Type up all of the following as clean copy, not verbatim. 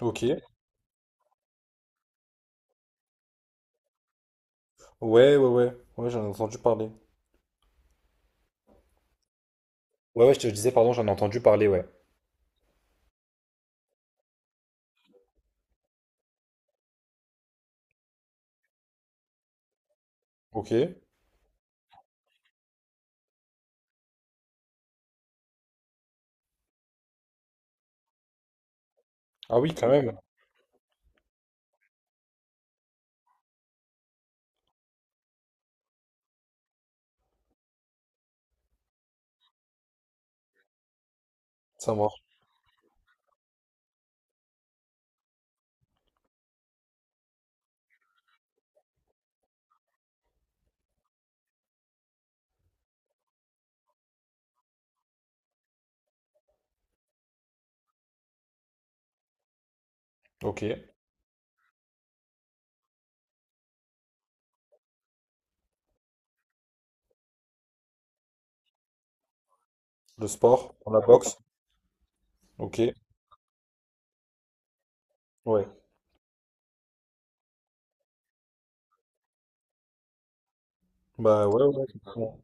Ok. Ouais, ouais, ouais. Ouais, j'en ai entendu parler. Ouais, ouais, je disais, pardon, j'en ai entendu parler, ouais. Ok. Ah oui, quand même. Ça marche. Ok. Le sport, dans la boxe. Ok. Ouais. Bah ouais, ouais, complètement.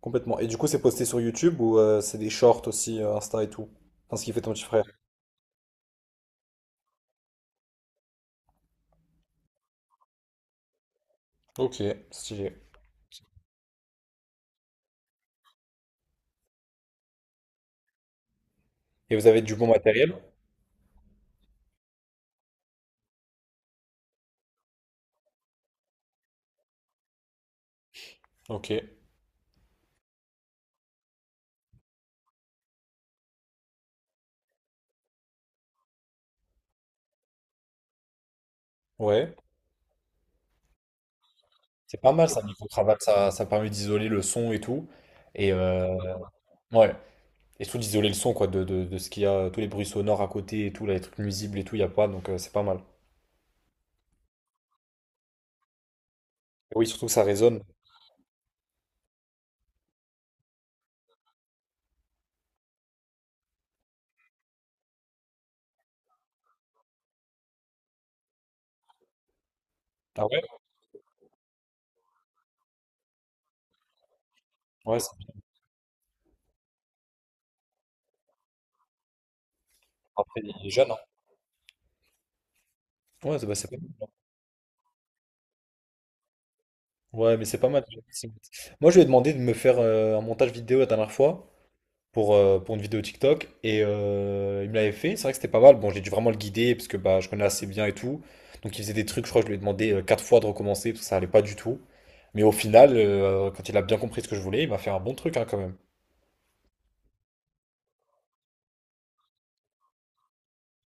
Complètement. Et du coup, c'est posté sur YouTube ou c'est des shorts aussi, Insta et tout? Enfin, ce qu'il fait ton petit frère. Ok, stylé. Et vous avez du bon matériel? Ok. Ouais. C'est pas mal ça, micro-cravate, ça permet d'isoler le son et tout. Et ouais. Et surtout d'isoler le son quoi, de ce qu'il y a, tous les bruits sonores à côté et tout, là, les trucs nuisibles et tout, il n'y a pas, donc c'est pas mal. Et oui, surtout que ça résonne. Ah ouais? Ouais, c'est- Après il est jeune, hein. Ouais, c'est pas mal. Ouais, mais c'est pas mal. C'est- Moi je lui ai demandé de me faire un montage vidéo la dernière fois pour une vidéo TikTok et il me l'avait fait, c'est vrai que c'était pas mal. Bon j'ai dû vraiment le guider parce que bah je connais assez bien et tout. Donc il faisait des trucs, je crois que je lui ai demandé quatre fois de recommencer parce que ça allait pas du tout. Mais au final, quand il a bien compris ce que je voulais, il m'a fait un bon truc hein, quand même.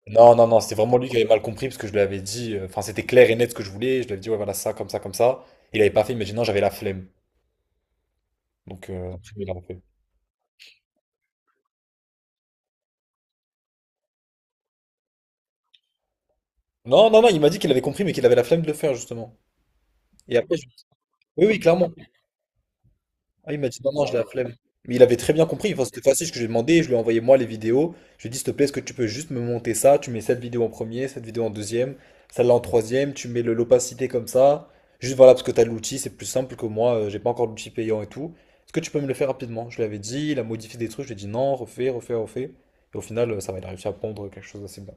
Non, non, non, c'était vraiment lui qui avait mal compris parce que je lui avais dit, c'était clair et net ce que je voulais. Je lui avais dit, ouais, voilà, ça, comme ça, comme ça. Il avait pas fait, il m'a dit, non, j'avais la flemme. Donc, après, il a refait. Non, non, non, il m'a dit qu'il avait compris, mais qu'il avait la flemme de le faire, justement. Et après, oui, oui, clairement. Ah, oui, il m'a dit non, non, j'ai la flemme. Mais il avait très bien compris. Enfin, c'était facile ce que j'ai demandé. Je lui ai envoyé moi les vidéos. Je lui ai dit, s'il te plaît, est-ce que tu peux juste me monter ça? Tu mets cette vidéo en premier, cette vidéo en deuxième, celle-là en troisième. Tu mets l'opacité comme ça. Juste voilà, parce que t'as l'outil, c'est plus simple que moi. J'ai pas encore l'outil payant et tout. Est-ce que tu peux me le faire rapidement? Je lui avais dit, il a modifié des trucs. Je lui ai dit non, refais, refais, refais. Et au final, ça va, il a réussi à pondre quelque chose d'assez bien.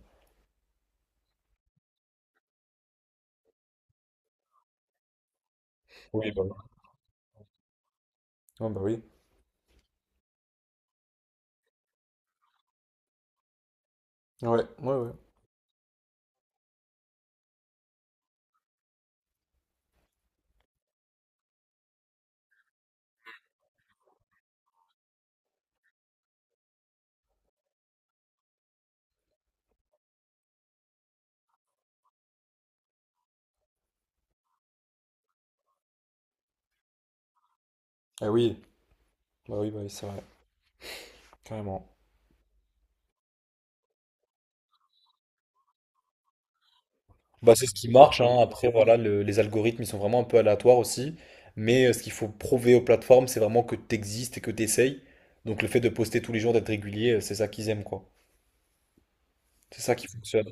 Oui, bah oui. Ah, bah oui. Ouais, ouais, ouais. Ah oui, bah oui, bah oui, c'est vrai. Carrément. Bah, c'est ce qui marche, hein. Après, voilà, les algorithmes, ils sont vraiment un peu aléatoires aussi. Mais ce qu'il faut prouver aux plateformes, c'est vraiment que tu existes et que tu essayes. Donc, le fait de poster tous les jours, d'être régulier, c'est ça qu'ils aiment, quoi. C'est ça qui fonctionne.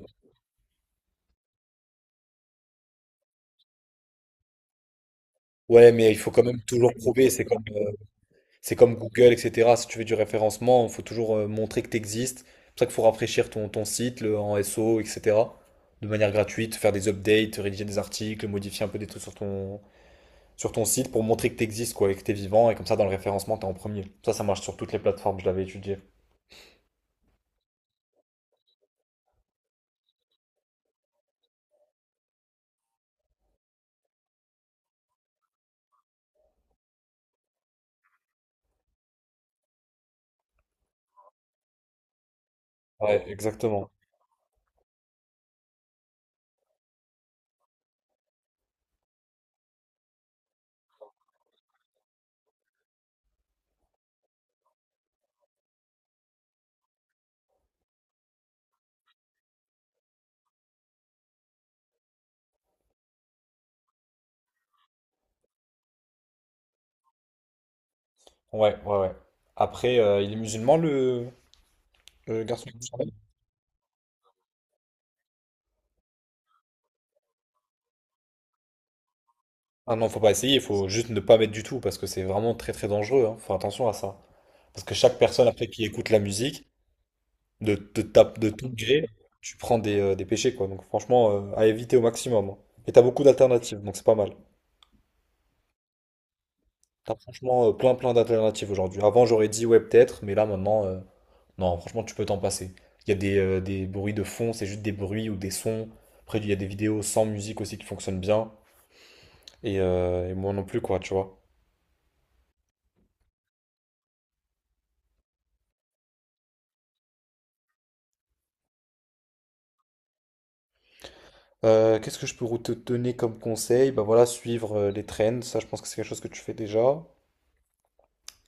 Ouais, mais il faut quand même toujours prouver. C'est comme Google, etc. Si tu veux du référencement, il faut toujours montrer que tu existes. C'est pour ça qu'il faut rafraîchir ton site en SEO, etc. De manière gratuite, faire des updates, rédiger des articles, modifier un peu des trucs sur ton site pour montrer que tu existes, quoi, et que tu es vivant, et comme ça, dans le référencement, tu es en premier. Ça marche sur toutes les plateformes, je l'avais étudié. Ouais, exactement. Ouais, ouais, ouais. Après, il est musulman, le garçon qui vous surveille. Ah non, faut pas essayer, il faut juste ne pas mettre du tout, parce que c'est vraiment très très dangereux, hein. Faut attention à ça. Parce que chaque personne, après, qui écoute la musique, de tout gré, tu prends des péchés, quoi. Donc franchement, à éviter au maximum, hein. Et t'as beaucoup d'alternatives, donc c'est pas mal. T'as franchement plein plein d'alternatives aujourd'hui. Avant j'aurais dit ouais peut-être, mais là maintenant non franchement tu peux t'en passer. Il y a des bruits de fond, c'est juste des bruits ou des sons. Après il y a des vidéos sans musique aussi qui fonctionnent bien. Et moi non plus quoi tu vois. Qu'est-ce que je peux te donner comme conseil? Bah voilà, suivre les trends, ça je pense que c'est quelque chose que tu fais déjà.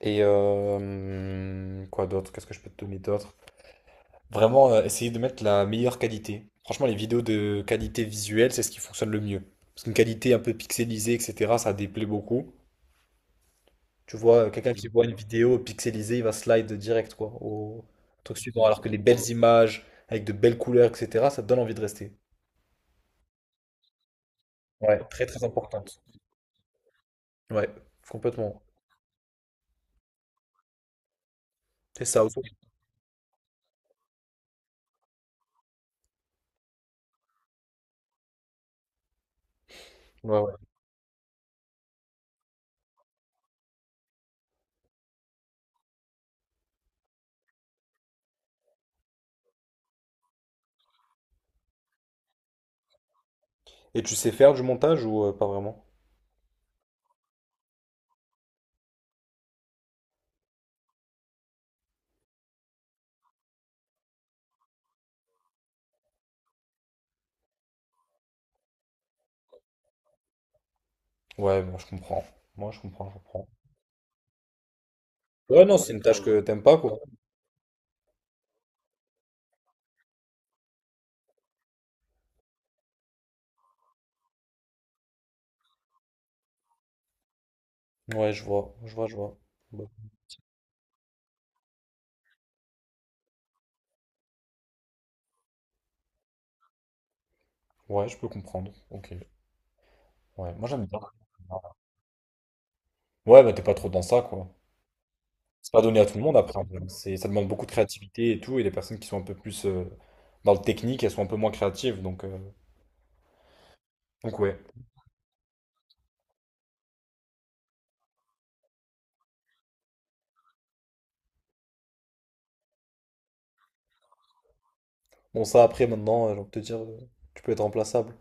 Et quoi d'autre? Qu'est-ce que je peux te donner d'autre? Vraiment, essayer de mettre la meilleure qualité. Franchement, les vidéos de qualité visuelle, c'est ce qui fonctionne le mieux. Parce qu'une qualité un peu pixelisée, etc., ça déplaît beaucoup. Tu vois, quelqu'un qui voit une vidéo pixelisée, il va slide direct, quoi, au truc suivant. Alors que les belles images, avec de belles couleurs, etc., ça te donne envie de rester. Ouais, très très importante. Ouais, complètement. C'est ça aussi. Ouais, ouais. Et tu sais faire du montage ou pas vraiment? Ouais, moi je comprends. Moi je comprends, je comprends. Ouais, non, c'est une tâche que t'aimes pas, quoi. Ouais, je vois, je vois, je vois. Ouais, je peux comprendre. Ok. Ouais, moi j'aime bien. Ouais, bah t'es pas trop dans ça, quoi. C'est pas donné à tout le monde après, en vrai. C'est, ça demande beaucoup de créativité et tout. Et les personnes qui sont un peu plus dans le technique, elles sont un peu moins créatives. Donc ouais. Bon, ça après, maintenant, j'ai envie de te dire, tu peux être remplaçable.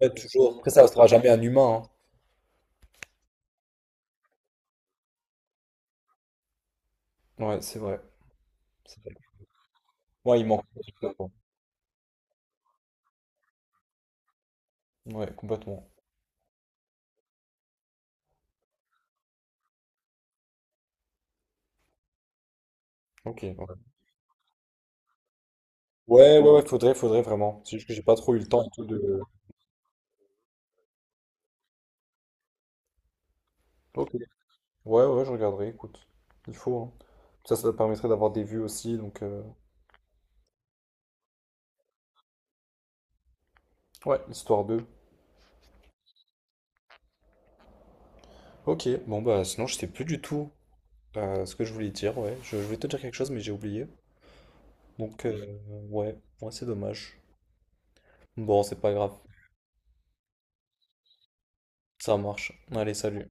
Ouais, toujours. Après, ça restera jamais un humain, hein. Ouais, c'est vrai. C'est vrai. Ouais, il manque. Ouais, complètement. Ok. Ouais, ouais, ouais, ouais, faudrait, faudrait vraiment. C'est juste que j'ai pas trop eu le temps et tout de. Ok. Ouais, ouais, je regarderai, écoute. Il faut, hein. Ça permettrait d'avoir des vues aussi, donc ouais, histoire d'eux. Ok, bon bah sinon je sais plus du tout ce que je voulais dire, ouais. Je voulais te dire quelque chose mais j'ai oublié. Donc ouais, ouais, c'est dommage. Bon, c'est pas grave, ça marche. Allez, salut.